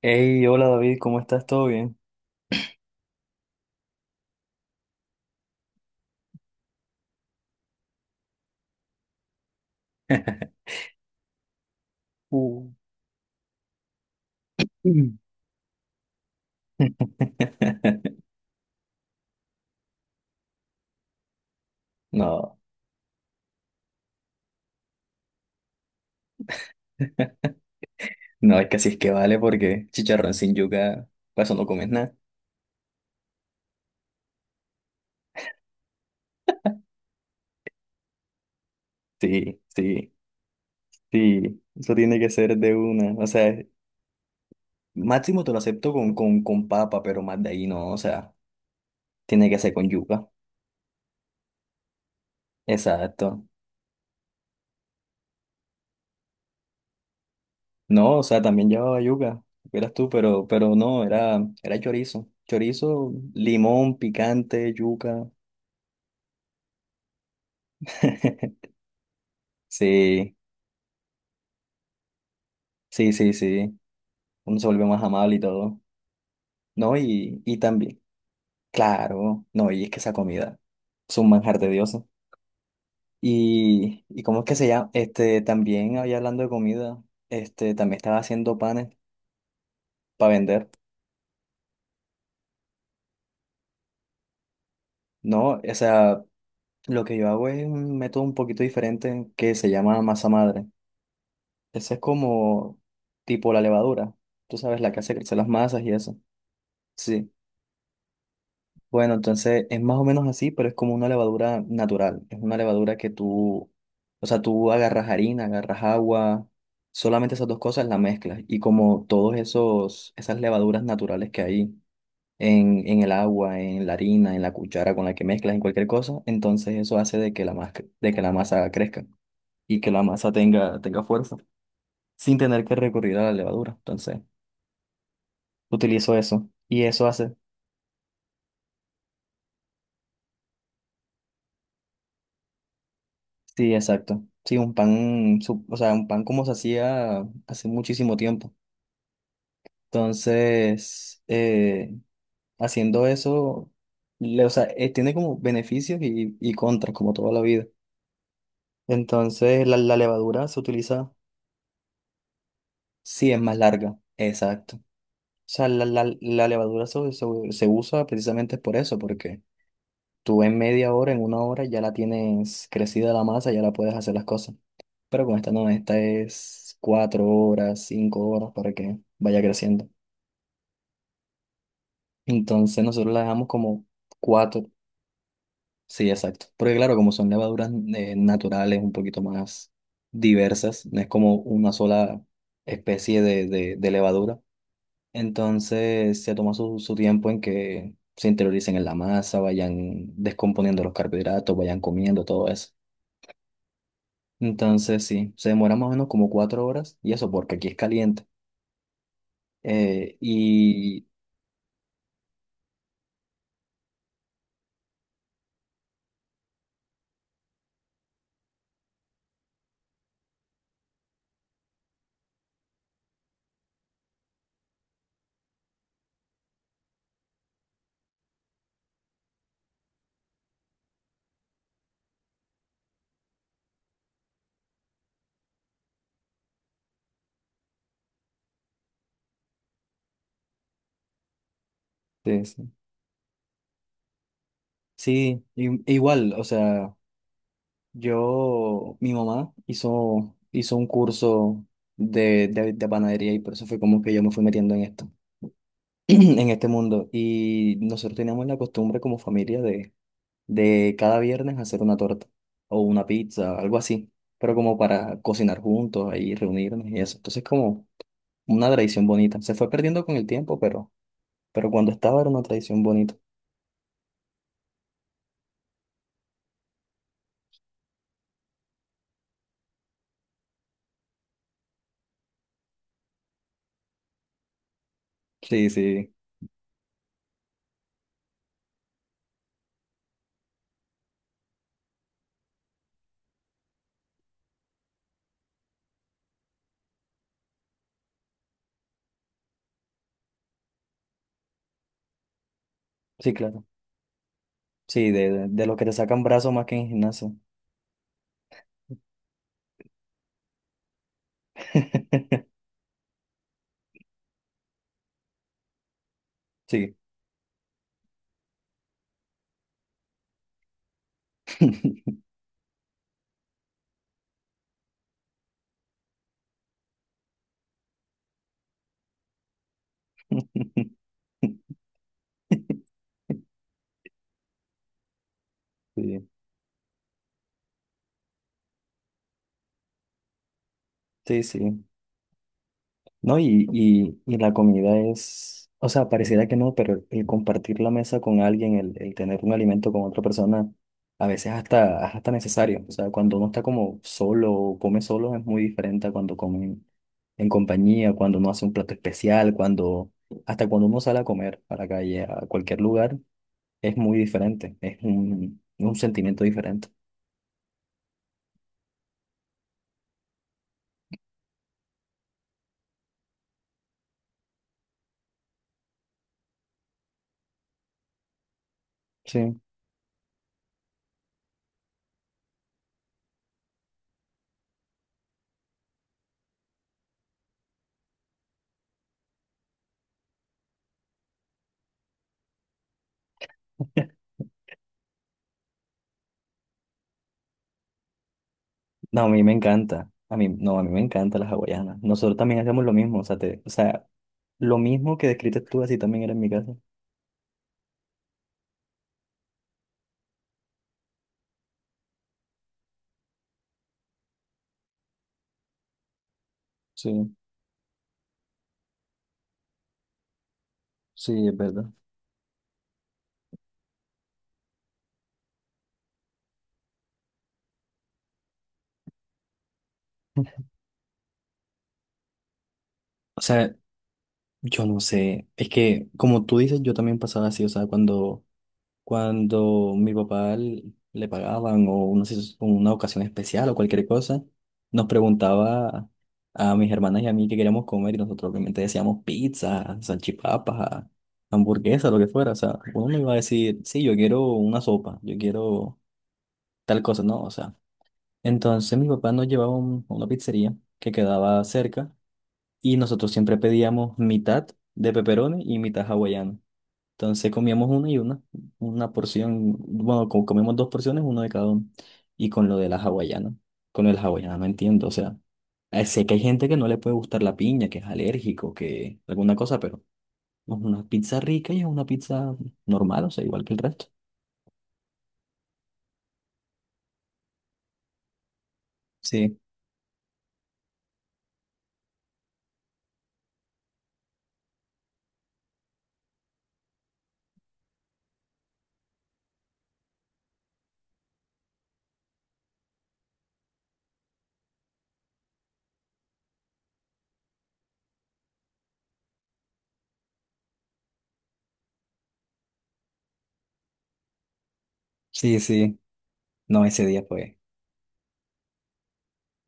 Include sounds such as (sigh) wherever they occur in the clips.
Hey, hola David, ¿cómo estás? ¿Todo bien? (laughs) Uh, Mm. (laughs) No, no, es que así es que vale porque chicharrón sin yuca, para eso no comes nada. Sí, sí, sí, eso tiene que ser de una. O sea, máximo te lo acepto con, con papa, pero más de ahí no, o sea, tiene que ser con yuca. Exacto. No, o sea, también llevaba yuca, eras tú, pero no, era, era chorizo. Chorizo, limón, picante, yuca. (laughs) Sí, sí, sí, sí, uno se vuelve más amable y todo, ¿no? Y también, claro, no, y es que esa comida es un manjar de dioses. Y ¿cómo es que se llama? Este, también había hablando de comida, este, también estaba haciendo panes para vender, ¿no? O sea, lo que yo hago es un método un poquito diferente que se llama masa madre. Ese es como tipo la levadura, tú sabes, la que hace crecer las masas y eso. Sí. Bueno, entonces es más o menos así, pero es como una levadura natural. Es una levadura que tú, o sea, tú agarras harina, agarras agua, solamente esas dos cosas las mezclas. Y como todos esos, esas levaduras naturales que hay en el agua, en la harina, en la cuchara con la que mezclas, en cualquier cosa, entonces eso hace de que la masa, de que la masa crezca y que la masa tenga, tenga fuerza, sin tener que recurrir a la levadura. Entonces, utilizo eso. Y eso hace sí, exacto. Sí, un pan, su- o sea, un pan como se hacía hace muchísimo tiempo. Entonces, haciendo eso, le- o sea, tiene como beneficios y contras, como toda la vida. Entonces, la levadura se utiliza, sí, es más larga. Exacto. O sea, la levadura se, se, se usa precisamente por eso, porque tú en media hora, en una hora, ya la tienes crecida la masa, ya la puedes hacer las cosas. Pero con esta no, esta es cuatro horas, cinco horas para que vaya creciendo. Entonces nosotros la dejamos como cuatro, sí, exacto. Porque claro, como son levaduras naturales, un poquito más diversas, no es como una sola especie de, de levadura. Entonces se toma su, su tiempo en que se interioricen en la masa, vayan descomponiendo los carbohidratos, vayan comiendo todo eso. Entonces, sí, se demora más o menos como cuatro horas y eso porque aquí es caliente. Y sí, sí, sí, i- igual, o sea, yo, mi mamá hizo, hizo un curso de, de panadería y por eso fue como que yo me fui metiendo en esto, (clears throat) en este mundo. Y nosotros teníamos la costumbre como familia de cada viernes hacer una torta o una pizza, algo así, pero como para cocinar juntos, ahí reunirnos y eso. Entonces, como... una tradición bonita. Se fue perdiendo con el tiempo, pero cuando estaba era una tradición bonita. Sí, sí, sí, claro. Sí, de, de lo que te sacan brazos más que en gimnasio. (laughs) Sí. (laughs) Sí, sí, sí. No, y la comida es, o sea, pareciera que no, pero el compartir la mesa con alguien, el tener un alimento con otra persona, a veces hasta, es hasta necesario. O sea, cuando uno está como solo o come solo es muy diferente a cuando come en compañía, cuando uno hace un plato especial, cuando, hasta cuando uno sale a comer a la calle, a cualquier lugar, es muy diferente. Es un sentimiento diferente. Sí. (laughs) No, a mí me encanta. A mí, no, a mí me encantan las hawaianas. Nosotros también hacemos lo mismo. O sea, te, o sea, lo mismo que describiste tú, así también era en mi casa. Sí, sí, es verdad. O sea, yo no sé, es que como tú dices, yo también pasaba así, o sea, cuando, cuando mi papá l- le pagaban o una, sis- una ocasión especial o cualquier cosa, nos preguntaba a mis hermanas y a mí qué queríamos comer y nosotros obviamente decíamos pizza, salchipapas, hamburguesa, lo que fuera, o sea, uno no iba a decir, sí, yo quiero una sopa, yo quiero tal cosa, no, o sea. Entonces mi papá nos llevaba un- a una pizzería que quedaba cerca y nosotros siempre pedíamos mitad de pepperoni y mitad hawaiano. Entonces comíamos una y una, una porción, bueno, co- comíamos dos porciones, uno de cada uno. Y con lo de la hawaiana, con el hawaiana no entiendo, o sea, sé que hay gente que no le puede gustar la piña, que es alérgico, que alguna cosa, pero es una pizza rica y es una pizza normal, o sea, igual que el resto. Sí, sí, sí. No,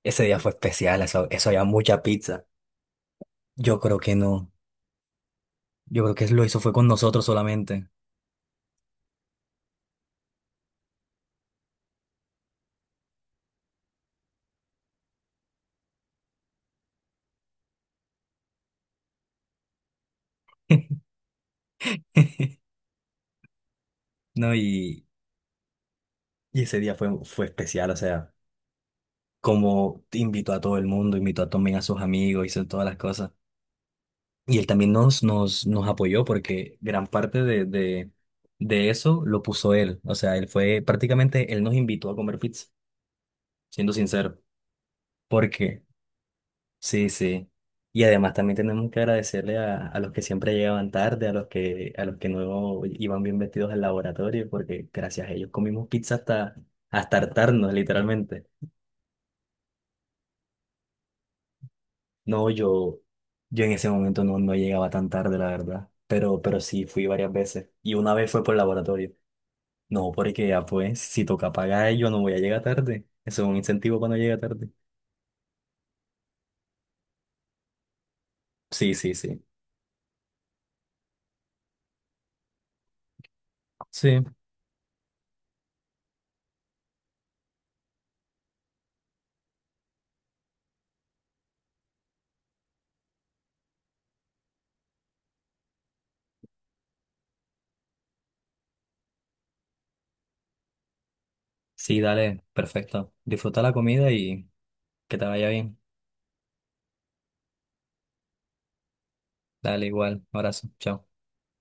ese día fue especial, eso había mucha pizza. Yo creo que no. Yo creo que lo hizo fue con nosotros solamente. (laughs) No, y ese día fue, fue especial, o sea, como invitó a todo el mundo, invitó a también a sus amigos, hizo todas las cosas. Y él también nos, nos apoyó porque gran parte de eso lo puso él. O sea, él fue prácticamente, él nos invitó a comer pizza, siendo sincero, porque sí, sí. Y además también tenemos que agradecerle a los que siempre llegaban tarde, a los que no iban bien vestidos al laboratorio, porque gracias a ellos comimos pizza hasta, hasta hartarnos, literalmente. No, yo en ese momento no, no llegaba tan tarde, la verdad. Pero sí, fui varias veces. Y una vez fue por el laboratorio. No, porque ya pues, si toca pagar, yo no voy a llegar tarde. Eso es un incentivo cuando llega tarde. Sí, sí, sí. Sí. Sí, dale, perfecto. Disfruta la comida y que te vaya bien. Dale, igual. Abrazo. Chao.